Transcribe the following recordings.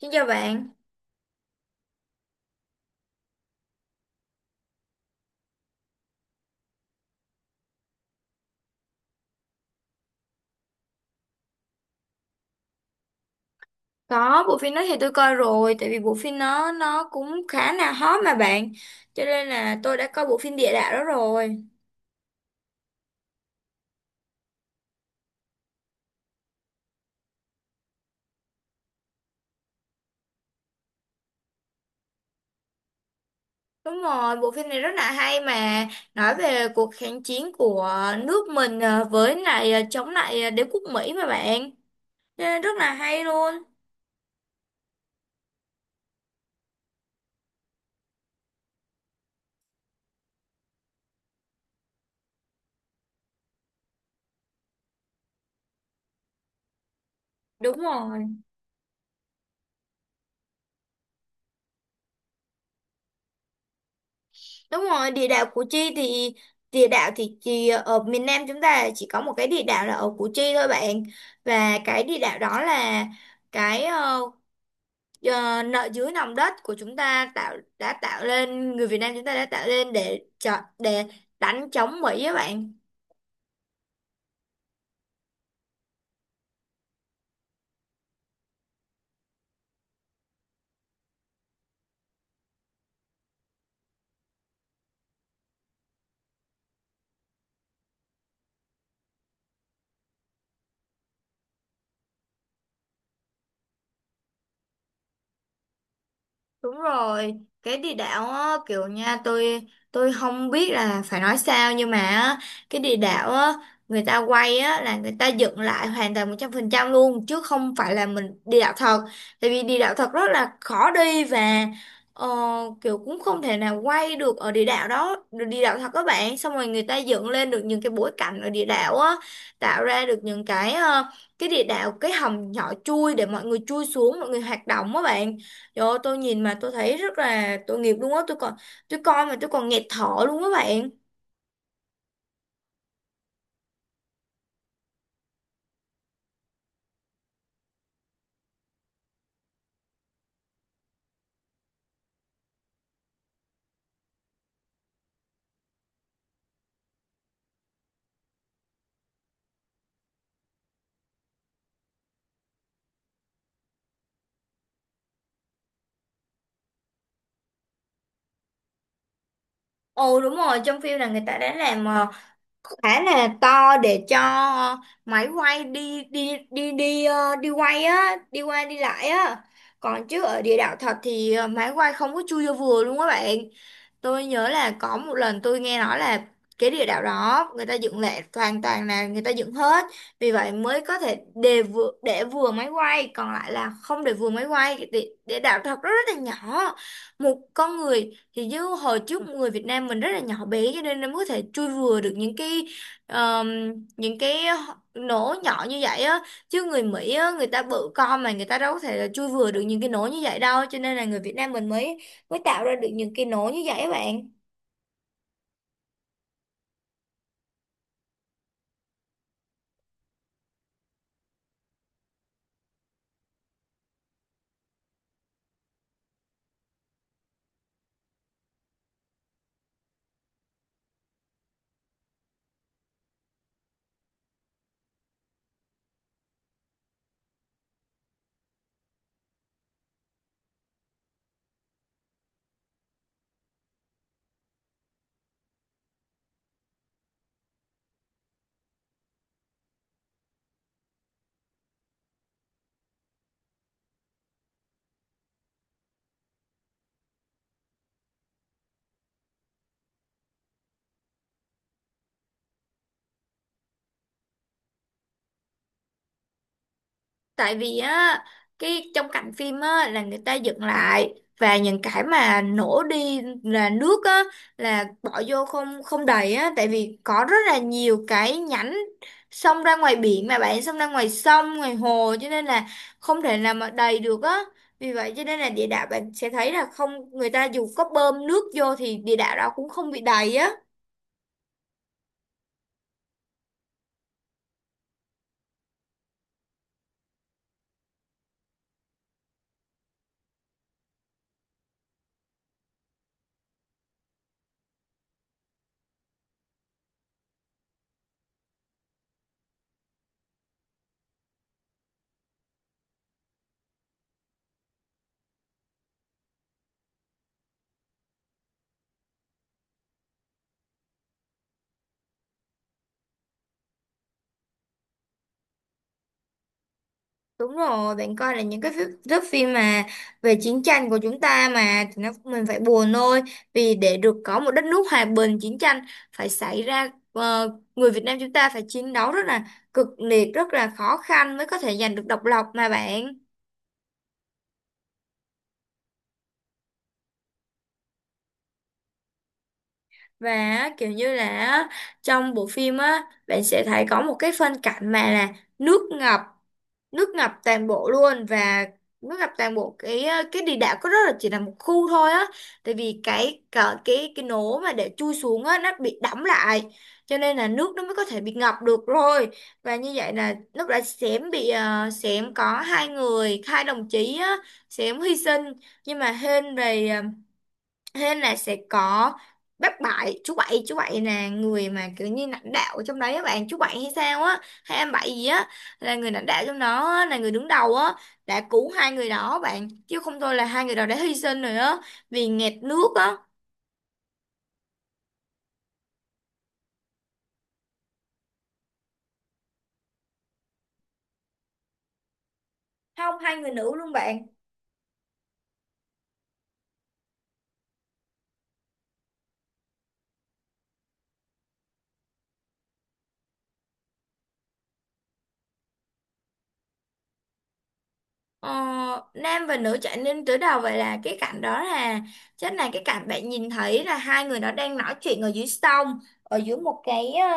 Xin chào bạn. Có bộ phim đó thì tôi coi rồi, tại vì bộ phim nó cũng khá là hot mà bạn, cho nên là tôi đã coi bộ phim địa đạo đó rồi. Đúng rồi, bộ phim này rất là hay mà nói về cuộc kháng chiến của nước mình với lại chống lại đế quốc Mỹ mà bạn. Cho nên rất là hay luôn. Đúng rồi, đúng rồi. Địa đạo Củ Chi thì địa đạo thì chỉ ở miền Nam chúng ta chỉ có một cái địa đạo là ở Củ Chi thôi bạn, và cái địa đạo đó là cái Ờ, nợ dưới nòng đất của chúng ta đã tạo lên người Việt Nam chúng ta đã tạo lên để đánh chống Mỹ á bạn. Đúng rồi, cái địa đạo á, kiểu nha tôi không biết là phải nói sao nhưng mà á, cái địa đạo á, người ta quay á, là người ta dựng lại hoàn toàn 100% luôn chứ không phải là mình địa đạo thật. Tại vì địa đạo thật rất là khó đi và ờ, kiểu cũng không thể nào quay được ở địa đạo đó, được địa đạo thật các bạn. Xong rồi người ta dựng lên được những cái bối cảnh ở địa đạo á, tạo ra được những cái cái địa đạo cái hầm nhỏ chui để mọi người chui xuống, mọi người hoạt động á bạn. Trời ơi, tôi nhìn mà tôi thấy rất là tội nghiệp luôn á tôi coi mà tôi còn nghẹt thở luôn á bạn. Ồ đúng rồi, trong phim là người ta đã làm khá là to để cho ờ, máy quay đi đi đi đi ờ, đi quay á đi qua đi lại á còn chứ ở địa đạo thật thì máy quay không có chui vô vừa luôn á bạn. Tôi nhớ là có một lần tôi nghe nói là cái địa đạo đó người ta dựng lại hoàn toàn là người ta dựng hết vì vậy mới có thể để vừa máy quay còn lại là không để vừa máy quay. Cái địa đạo thật rất, rất là nhỏ, một con người thì như hồi trước người Việt Nam mình rất là nhỏ bé cho nên nó mới có thể chui vừa được ờm, những cái nổ nhỏ như vậy á chứ người Mỹ á người ta bự con mà người ta đâu có thể là chui vừa được những cái nổ như vậy đâu cho nên là người Việt Nam mình mới mới tạo ra được những cái nổ như vậy á bạn. Tại vì á, cái trong cảnh phim á là người ta dựng lại và những cái mà nổ đi là nước á là bỏ vô không không đầy á, tại vì có rất là nhiều cái nhánh xông ra ngoài biển mà bạn, xông ra ngoài sông ngoài hồ cho nên là không thể nào mà đầy được á. Vì vậy cho nên là địa đạo bạn sẽ thấy là không, người ta dù có bơm nước vô thì địa đạo đó cũng không bị đầy á. Đúng rồi, bạn coi là những thước phim mà về chiến tranh của chúng ta mà thì nó mình phải buồn thôi. Vì để được có một đất nước hòa bình, chiến tranh phải xảy ra, người Việt Nam chúng ta phải chiến đấu rất là cực liệt, rất là khó khăn mới có thể giành được độc lập mà bạn. Và á, kiểu như là á, trong bộ phim á bạn sẽ thấy có một cái phân cảnh mà là nước ngập nước ngập toàn bộ luôn và nước ngập toàn bộ cái địa đạo, có rất là chỉ là một khu thôi á, tại vì cái nố mà để chui xuống á nó bị đẫm lại cho nên là nước nó mới có thể bị ngập được rồi. Và như vậy là lúc đã xém có hai đồng chí á xém hy sinh, nhưng mà hên về thế là sẽ có bác Bảy, chú Bảy, chú Bảy là người mà kiểu như lãnh đạo ở trong đấy á bạn, chú Bảy hay sao á, hay em Bảy gì á, là người lãnh đạo trong đó á, là người đứng đầu á, đã cứu hai người đó bạn, chứ không thôi là hai người đó đã hy sinh rồi á, vì nghẹt nước á. Không, hai người nữ luôn bạn. Ờ, Nam và nữ trở nên tứ đầu, vậy là cái cảnh đó là chắc là cái cảnh bạn nhìn thấy là hai người đó đang nói chuyện ở dưới sông, ở dưới một cái ờ,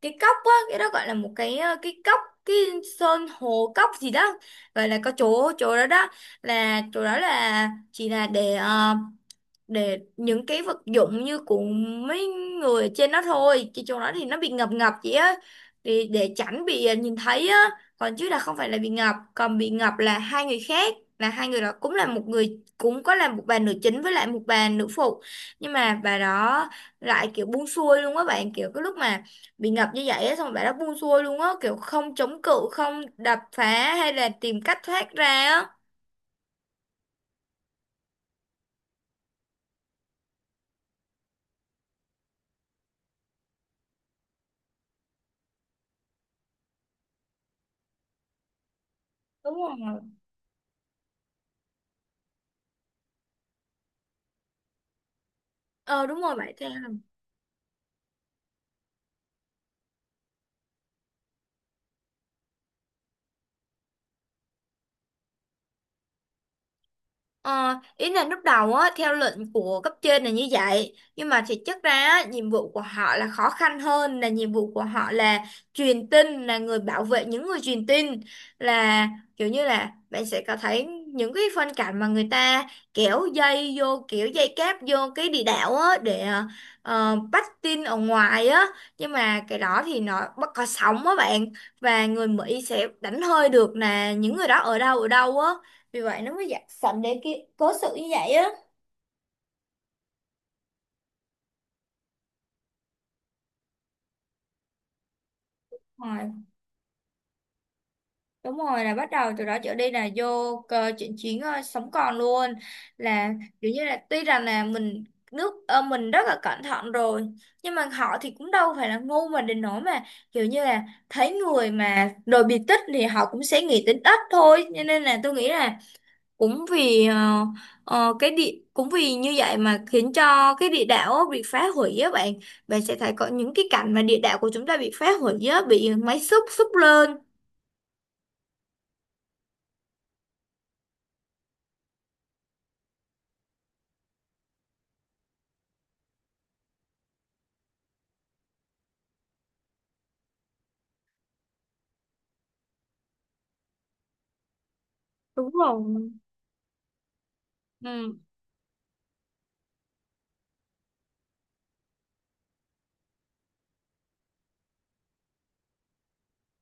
cái cốc á, cái đó gọi là một cái cốc, cái sơn hồ cốc gì đó, gọi là có chỗ chỗ đó đó, là chỗ đó là chỉ là để những cái vật dụng như của mấy người ở trên đó thôi, chứ chỗ đó thì nó bị ngập ngập chị á, thì để tránh bị nhìn thấy á, còn chứ là không phải là bị ngập, còn bị ngập là hai người khác, là hai người đó cũng là một người, cũng có là một bà nữ chính với lại một bà nữ phụ, nhưng mà bà đó lại kiểu buông xuôi luôn á bạn, kiểu cái lúc mà bị ngập như vậy á xong rồi bà đó buông xuôi luôn á, kiểu không chống cự, không đập phá hay là tìm cách thoát ra á. Đúng rồi. Ờ đúng rồi vậy thì. Ờ, ý là lúc đầu á, theo lệnh của cấp trên là như vậy, nhưng mà thực chất ra á, nhiệm vụ của họ là khó khăn hơn, là nhiệm vụ của họ là truyền tin, là người bảo vệ những người truyền tin, là kiểu như là bạn sẽ có thấy những cái phân cảnh mà người ta kéo dây vô, kiểu dây cáp vô cái địa đạo á để bắt tin ở ngoài á, nhưng mà cái đó thì nó bất có sóng á bạn, và người Mỹ sẽ đánh hơi được là những người đó ở đâu á, vì vậy nó mới dạy sẵn để cái cố sự như vậy á. Rồi đúng rồi, là bắt đầu từ đó trở đi là vô cơ chuyện chiến sống còn luôn, là kiểu như là tuy rằng là mình rất là cẩn thận rồi, nhưng mà họ thì cũng đâu phải là ngu mà đến nỗi mà kiểu như là thấy người mà đồ bị tích thì họ cũng sẽ nghĩ tính ít thôi, cho nên là tôi nghĩ là cũng vì như vậy mà khiến cho cái địa đạo á bị phá hủy á bạn, bạn sẽ thấy có những cái cảnh mà địa đạo của chúng ta bị phá hủy á, bị máy xúc xúc lên. Đúng rồi. Ừ.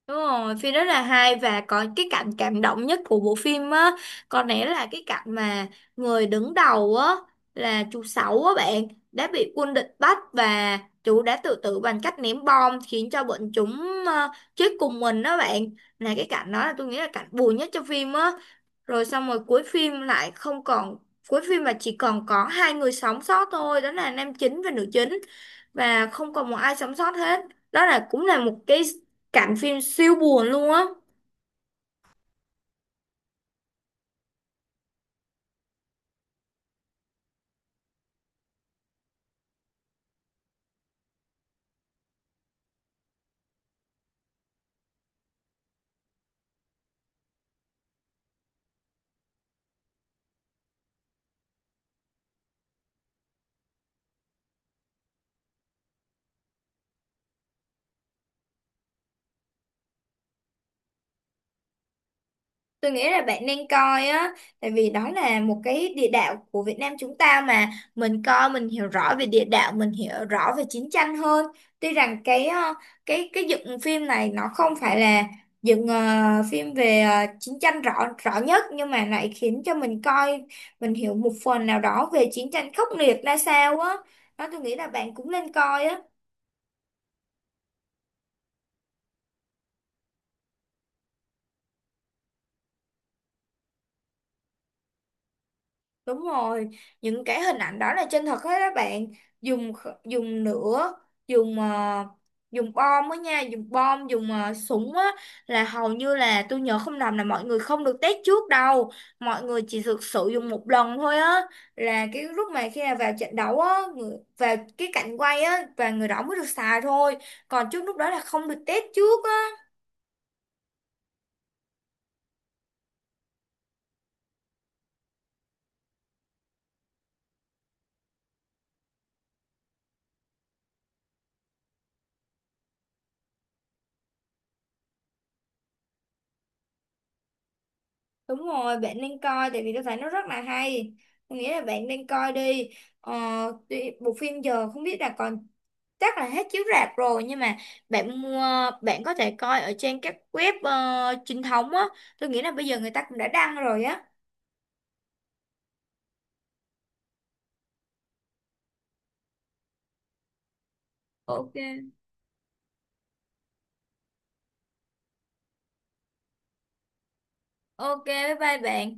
Đúng rồi, phim rất là hay và có cái cảnh cảm động nhất của bộ phim á, có lẽ là cái cảnh mà người đứng đầu á là chú Sáu á bạn đã bị quân địch bắt và chú đã tự tử bằng cách ném bom khiến cho bọn chúng chết cùng mình đó bạn. Là cái cảnh đó là tôi nghĩ là cảnh buồn nhất trong phim á. Rồi xong rồi cuối phim lại không còn, cuối phim mà chỉ còn có hai người sống sót thôi, đó là nam chính và nữ chính, và không còn một ai sống sót hết. Đó là cũng là một cái cảnh phim siêu buồn luôn á. Tôi nghĩ là bạn nên coi á, tại vì đó là một cái địa đạo của Việt Nam chúng ta mà, mình coi mình hiểu rõ về địa đạo, mình hiểu rõ về chiến tranh hơn, tuy rằng cái cái dựng phim này nó không phải là dựng phim về chiến tranh rõ rõ nhất, nhưng mà lại khiến cho mình coi mình hiểu một phần nào đó về chiến tranh khốc liệt ra sao á, đó tôi nghĩ là bạn cũng nên coi á. Đúng rồi, những cái hình ảnh đó là chân thật hết các bạn. Dùng lửa, dùng ờ, dùng bom á nha, dùng bom, dùng súng á, là hầu như là tôi nhớ không lầm là mọi người không được test trước đâu. Mọi người chỉ thực sự dùng một lần thôi á. Là cái lúc mà khi nào vào trận đấu á, vào cái cảnh quay á và người đó mới được xài thôi. Còn trước lúc đó là không được test trước. Đúng rồi, bạn nên coi tại vì tôi thấy nó rất là hay. Tôi nghĩ là bạn nên coi đi. Ờ, bộ phim giờ không biết là còn, chắc là hết chiếu rạp rồi nhưng mà bạn mua, bạn có thể coi ở trên các web chính thống á. Tôi nghĩ là bây giờ người ta cũng đã đăng rồi á. OK. OK, bye bye bạn.